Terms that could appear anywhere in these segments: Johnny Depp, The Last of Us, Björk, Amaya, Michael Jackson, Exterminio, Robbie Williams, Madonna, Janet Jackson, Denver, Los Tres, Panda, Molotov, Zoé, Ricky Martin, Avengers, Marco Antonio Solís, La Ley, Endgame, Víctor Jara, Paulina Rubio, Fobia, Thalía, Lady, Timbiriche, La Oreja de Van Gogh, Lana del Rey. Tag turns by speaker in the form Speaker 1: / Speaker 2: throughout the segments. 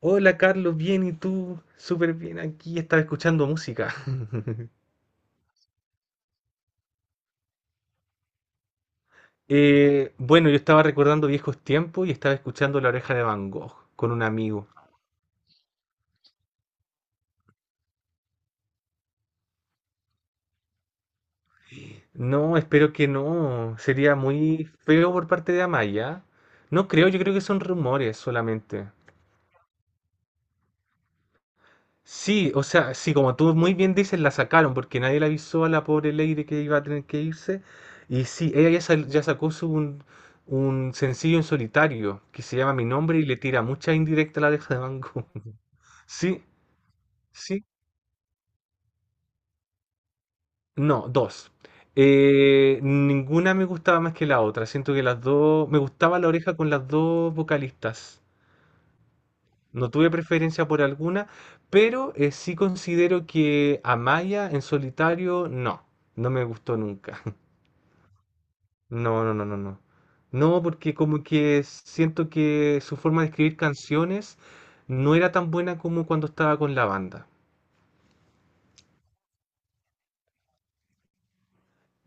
Speaker 1: Hola Carlos, bien y tú, súper bien aquí, estaba escuchando música. Bueno, yo estaba recordando viejos tiempos y estaba escuchando La Oreja de Van Gogh con un amigo. No, espero que no, sería muy feo por parte de Amaya. No creo, yo creo que son rumores solamente. Sí, o sea, sí, como tú muy bien dices, la sacaron porque nadie le avisó a la pobre Lady que iba a tener que irse. Y sí, ella ya sacó un sencillo en solitario que se llama Mi Nombre y le tira mucha indirecta a la oreja de Van Gogh. Sí, sí, no, dos. Ninguna me gustaba más que la otra. Siento que las dos, me gustaba la oreja con las dos vocalistas. No tuve preferencia por alguna, pero sí considero que Amaya en solitario no, no me gustó nunca. No, no, no, no, no. No, porque como que siento que su forma de escribir canciones no era tan buena como cuando estaba con la banda.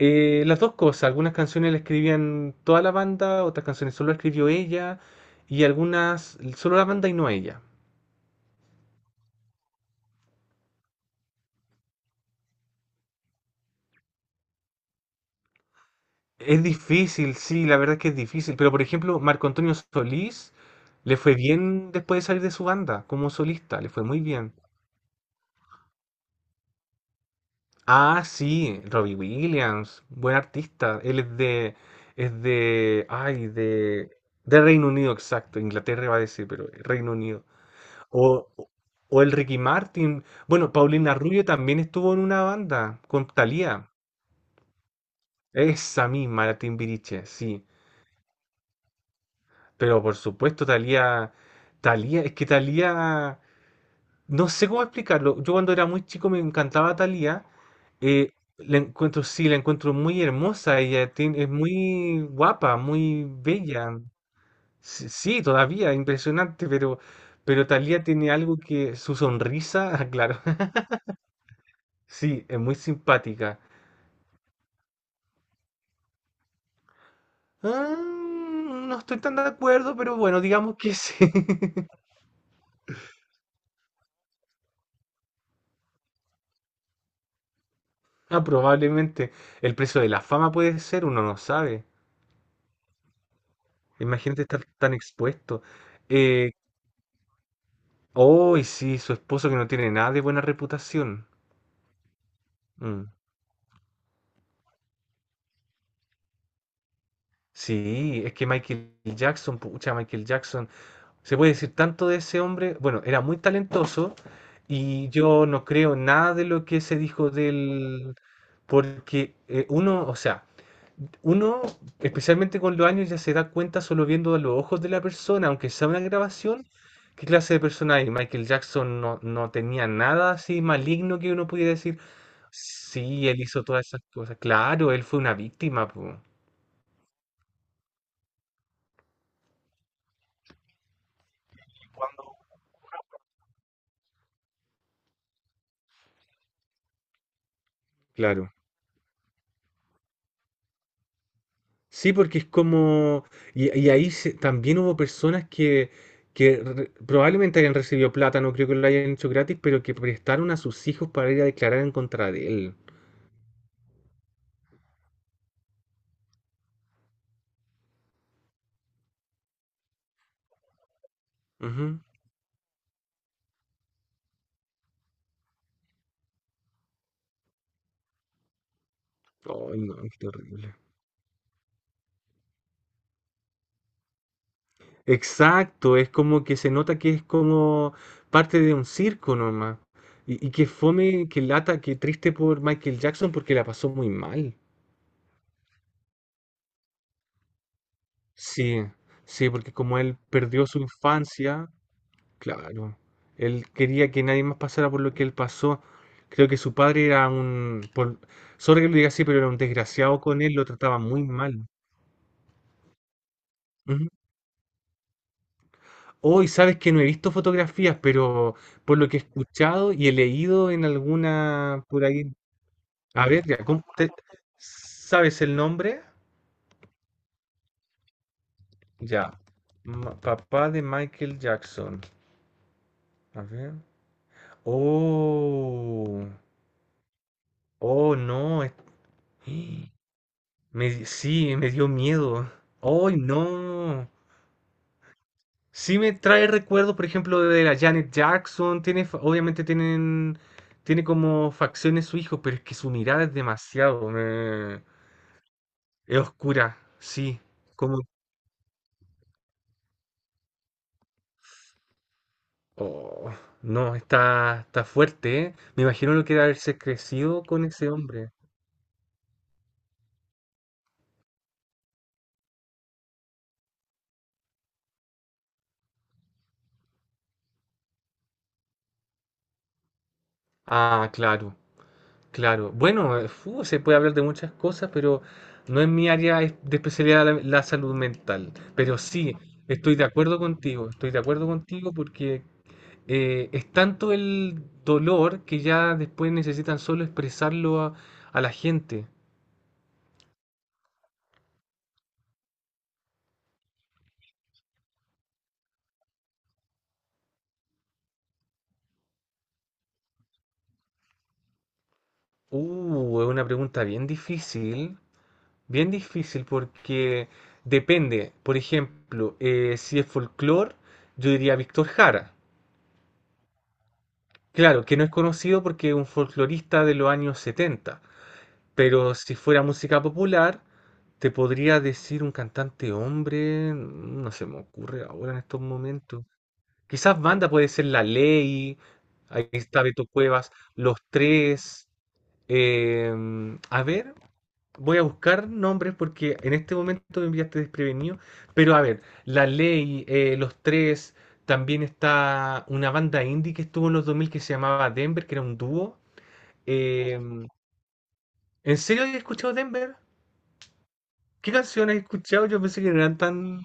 Speaker 1: Las dos cosas, algunas canciones las escribían toda la banda, otras canciones solo la escribió ella y algunas solo la banda y no ella. Es difícil, sí, la verdad es que es difícil. Pero por ejemplo, Marco Antonio Solís le fue bien después de salir de su banda como solista, le fue muy bien. Ah, sí, Robbie Williams, buen artista. Él es de Reino Unido, exacto. Inglaterra va a decir, pero Reino Unido. O, o el Ricky Martin. Bueno, Paulina Rubio también estuvo en una banda con Thalía. Esa misma, la Timbiriche, sí. Pero por supuesto, es que Talía, no sé cómo explicarlo. Yo cuando era muy chico me encantaba Talía. Eh, la encuentro, sí, la encuentro muy hermosa. Ella es muy guapa, muy bella. Sí, sí, todavía, impresionante, pero Talía tiene algo que su sonrisa, ah, claro, sí, es muy simpática. Ah, no estoy tan de acuerdo, pero bueno, digamos que sí. Ah, probablemente el precio de la fama puede ser, uno no sabe. Imagínate estar tan expuesto. Eh, oh, y sí, su esposo que no tiene nada de buena reputación. Mm. Sí, es que Michael Jackson, se puede decir tanto de ese hombre. Bueno, era muy talentoso y yo no creo nada de lo que se dijo del, porque uno, o sea, uno, especialmente con los años, ya se da cuenta solo viendo a los ojos de la persona, aunque sea una grabación, qué clase de persona hay. Michael Jackson no, no tenía nada así maligno que uno pudiera decir, sí, él hizo todas esas cosas. Claro, él fue una víctima, po. Claro. Sí, porque es como... Y ahí también hubo personas que, probablemente hayan recibido plata, no creo que lo hayan hecho gratis, pero que prestaron a sus hijos para ir a declarar en contra de él. Ujú. Ay, no, es terrible. Exacto, es como que se nota que es como parte de un circo nomás. Y que fome, que lata, que triste por Michael Jackson porque la pasó muy mal. Sí, sí, porque como él perdió su infancia, claro, él quería que nadie más pasara por lo que él pasó. Creo que su padre era sorry que lo diga así, pero era un desgraciado con él, lo trataba muy mal. Ujú. Hoy sabes que no he visto fotografías, pero por lo que he escuchado y he leído en alguna por ahí. A ver, ya, ¿Sabes el nombre? Ya. Papá de Michael Jackson. A ver. Oh, oh, no. Sí, me dio miedo. ¡Ay, no! Sí me trae recuerdo, por ejemplo, de la Janet Jackson. Obviamente tiene como facciones su hijo, pero es que su mirada es demasiado. Es oscura, sí. Como. Oh, no, está fuerte, ¿eh? Me imagino lo que era haberse crecido con ese hombre. Ah, claro, claro. Bueno, se puede hablar de muchas cosas, pero no es mi área de especialidad la salud mental. Pero sí, estoy de acuerdo contigo, porque es tanto el dolor que ya después necesitan solo expresarlo a la gente. Es una pregunta bien difícil. Bien difícil porque depende, por ejemplo, si es folclore, yo diría Víctor Jara. Claro, que no es conocido porque es un folclorista de los años setenta, pero si fuera música popular, te podría decir un cantante hombre, no se me ocurre ahora en estos momentos. Quizás banda puede ser La Ley, ahí está Beto Cuevas, Los Tres. A ver, voy a buscar nombres porque en este momento me enviaste desprevenido. Pero a ver, La Ley, Los Tres, también está una banda indie que estuvo en los 2000 que se llamaba Denver, que era un dúo. Eh, ¿En serio has escuchado Denver? ¿Qué canciones has escuchado? Yo pensé que no eran tan...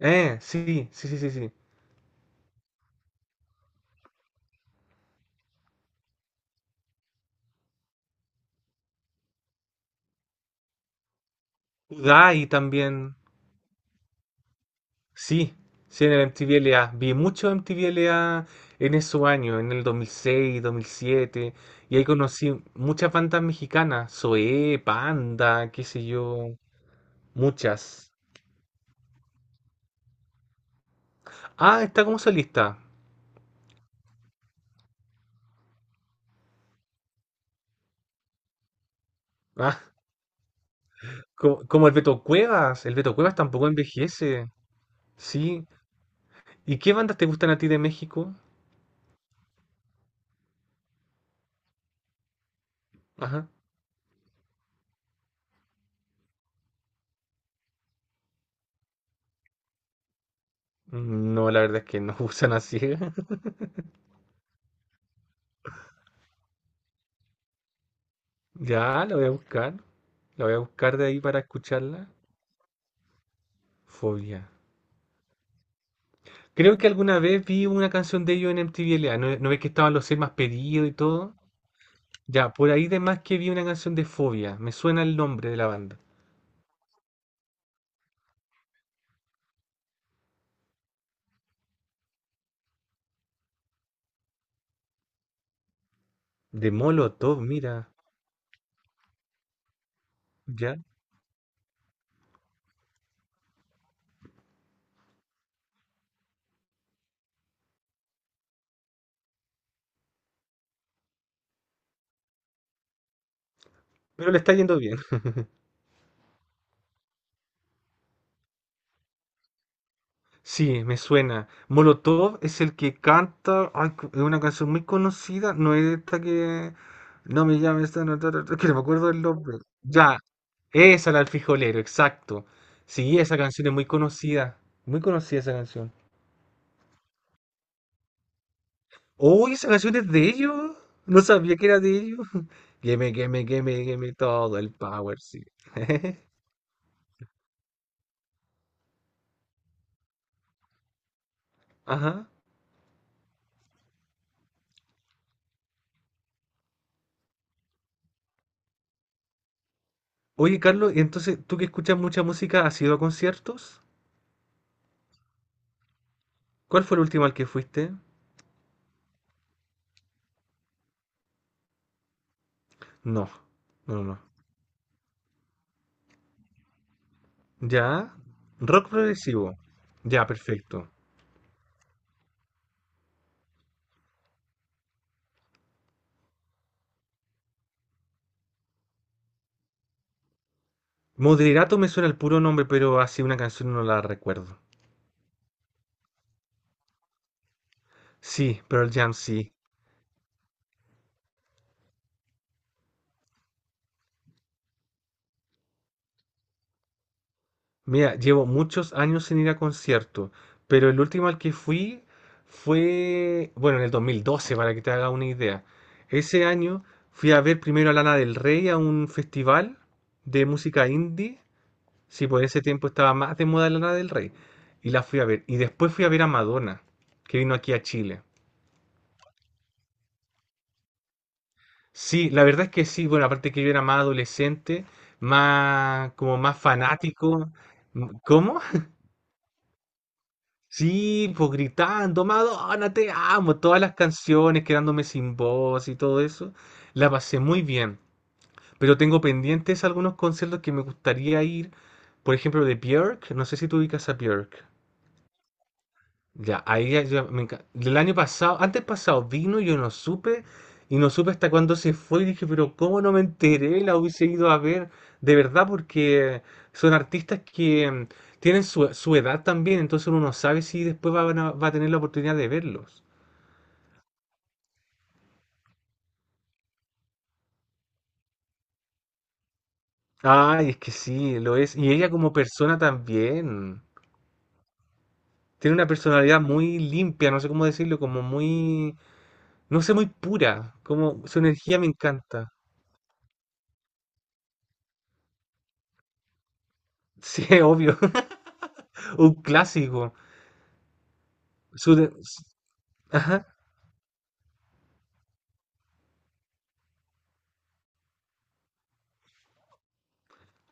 Speaker 1: Sí, sí, sí, sí, sí. Udai también. Sí, sí, en el MTV LA. Vi mucho MTV LA en esos años, en el 2006 dos mil siete. Y ahí conocí muchas bandas mexicanas. Zoé, Panda, qué sé yo. Muchas. Ah, está como solista. Ah, como el Beto Cuevas. El Beto Cuevas tampoco envejece. Sí. ¿Y qué bandas te gustan a ti de México? Ajá. No, la verdad es que no usan así. Ya, la voy a buscar. La voy a buscar de ahí para escucharla. Fobia. Creo que alguna vez vi una canción de ellos en MTV LA. ¿No, no ves que estaban los seis más pedidos y todo? Ya, por ahí de más que vi una canción de Fobia. Me suena el nombre de la banda. De Molotov, mira. Ya. Pero le está yendo bien. Sí, me suena. Molotov es el que canta. Ay, es una canción muy conocida. No es esta que. No me llames, esta, no, ta, ta, ta, que no me acuerdo del nombre. Ya. Esa, la del frijolero, exacto. Sí, esa canción es muy conocida. Muy conocida esa canción. Uy, esa canción es de ellos. No sabía que era de ellos. Game, game, game, game, todo el power, sí. Ajá. Oye, Carlos, y entonces, tú que escuchas mucha música, ¿has ido a conciertos? ¿Cuál fue el último al que fuiste? No, no, no. No. ¿Ya? Rock progresivo. Ya, perfecto. Moderato me suena el puro nombre, pero así una canción no la recuerdo. Sí, Pearl Jam sí. Mira, llevo muchos años sin ir a conciertos, pero el último al que fui fue, bueno, en el 2012, para que te haga una idea. Ese año fui a ver primero a Lana del Rey a un festival de música indie. Sí, por ese tiempo estaba más de moda Lana del Rey. Y la fui a ver. Y después fui a ver a Madonna, que vino aquí a Chile. Sí, la verdad es que sí, bueno, aparte que yo era más adolescente, más, como más fanático. ¿Cómo? Sí, pues gritando, Madonna, te amo, todas las canciones, quedándome sin voz y todo eso, la pasé muy bien. Pero tengo pendientes algunos conciertos que me gustaría ir, por ejemplo, de Björk, no sé si tú ubicas a Björk. Ya, ahí el año pasado, antes pasado vino, yo no supe, y no supe hasta cuándo se fue, y dije, pero ¿cómo no me enteré? La hubiese ido a ver, de verdad, porque son artistas que tienen su edad también, entonces uno no sabe si después va a tener la oportunidad de verlos. Ay, es que sí, lo es. Y ella como persona también. Tiene una personalidad muy limpia, no sé cómo decirlo, como muy, no sé, muy pura, como su energía me encanta. Sí, obvio, un clásico. Su de- s- ajá.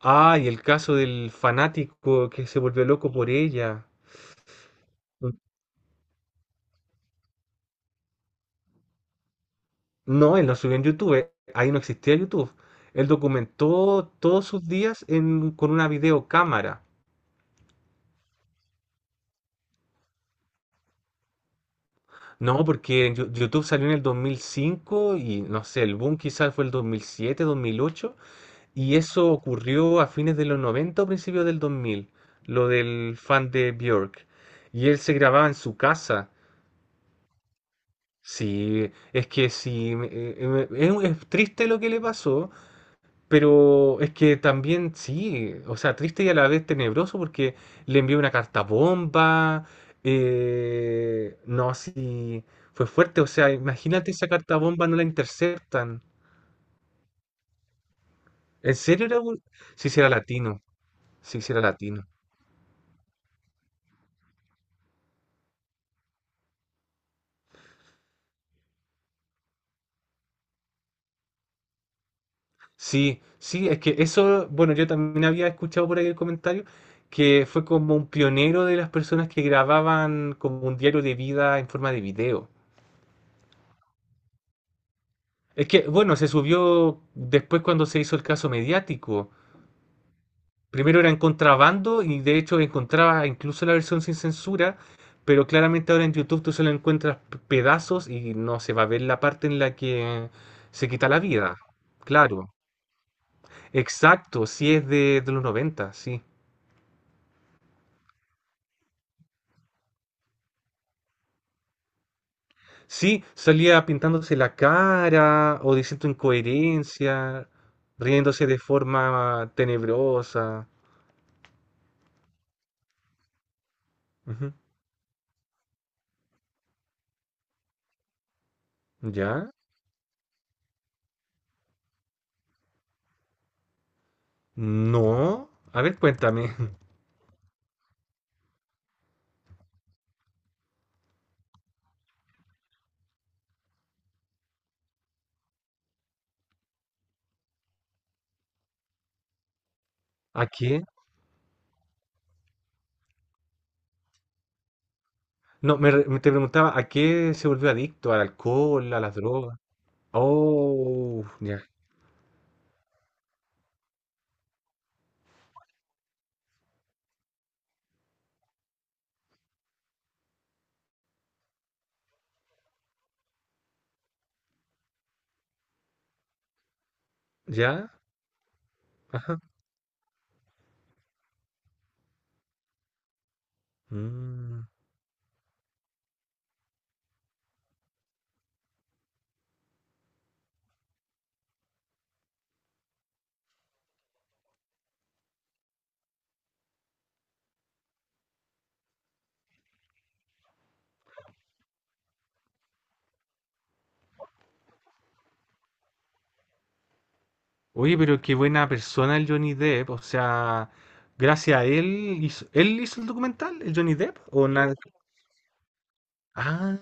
Speaker 1: Ah, y el caso del fanático que se volvió loco por ella. No, él no subió en YouTube. Ahí no existía YouTube. Él documentó todos sus días con una videocámara. No, porque en YouTube salió en el 2005 y no sé, el boom quizás fue el 2007 2008. Y eso ocurrió a fines de los 90 o principios del dos mil, lo del fan de Björk. Y él se grababa en su casa. Sí, es que sí, es triste lo que le pasó, pero es que también sí, o sea, triste y a la vez tenebroso porque le envió una carta bomba, no, sí, fue fuerte, o sea, imagínate esa carta bomba no la interceptan. ¿En serio era? Si sí, sí era latino. Si sí, sí era latino. Sí, sí, es que eso, bueno, yo también había escuchado por ahí el comentario que fue como un pionero de las personas que grababan como un diario de vida en forma de video. Es que, bueno, se subió después cuando se hizo el caso mediático. Primero era en contrabando y de hecho encontraba incluso la versión sin censura, pero claramente ahora en YouTube tú solo encuentras pedazos y no se va a ver la parte en la que se quita la vida. Claro, exacto, sí es de los 90, sí. Sí, salía pintándose la cara o diciendo incoherencia, riéndose de forma tenebrosa. Ujú. ¿Ya? No. A ver, cuéntame. ¿A qué? No, me, re- me te preguntaba, ¿a qué se volvió adicto? ¿Al alcohol? ¿A las drogas? Oh, ya. ¿Ya? Ajá. Mm. Oye, pero qué buena persona el Johnny Depp. O sea, gracias a ¿él hizo el documental, el Johnny Depp? ¿O nada? Ah.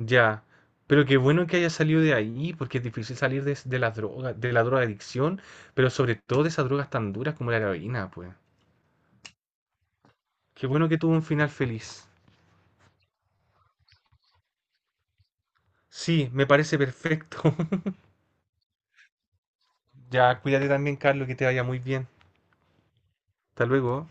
Speaker 1: Ya, pero qué bueno que haya salido de ahí, porque es difícil salir de la droga, de la drogadicción, pero sobre todo de esas drogas tan duras como la heroína, pues. Qué bueno que tuvo un final feliz. Sí, me parece perfecto. Ya, cuídate también, Carlos, que te vaya muy bien. Hasta luego.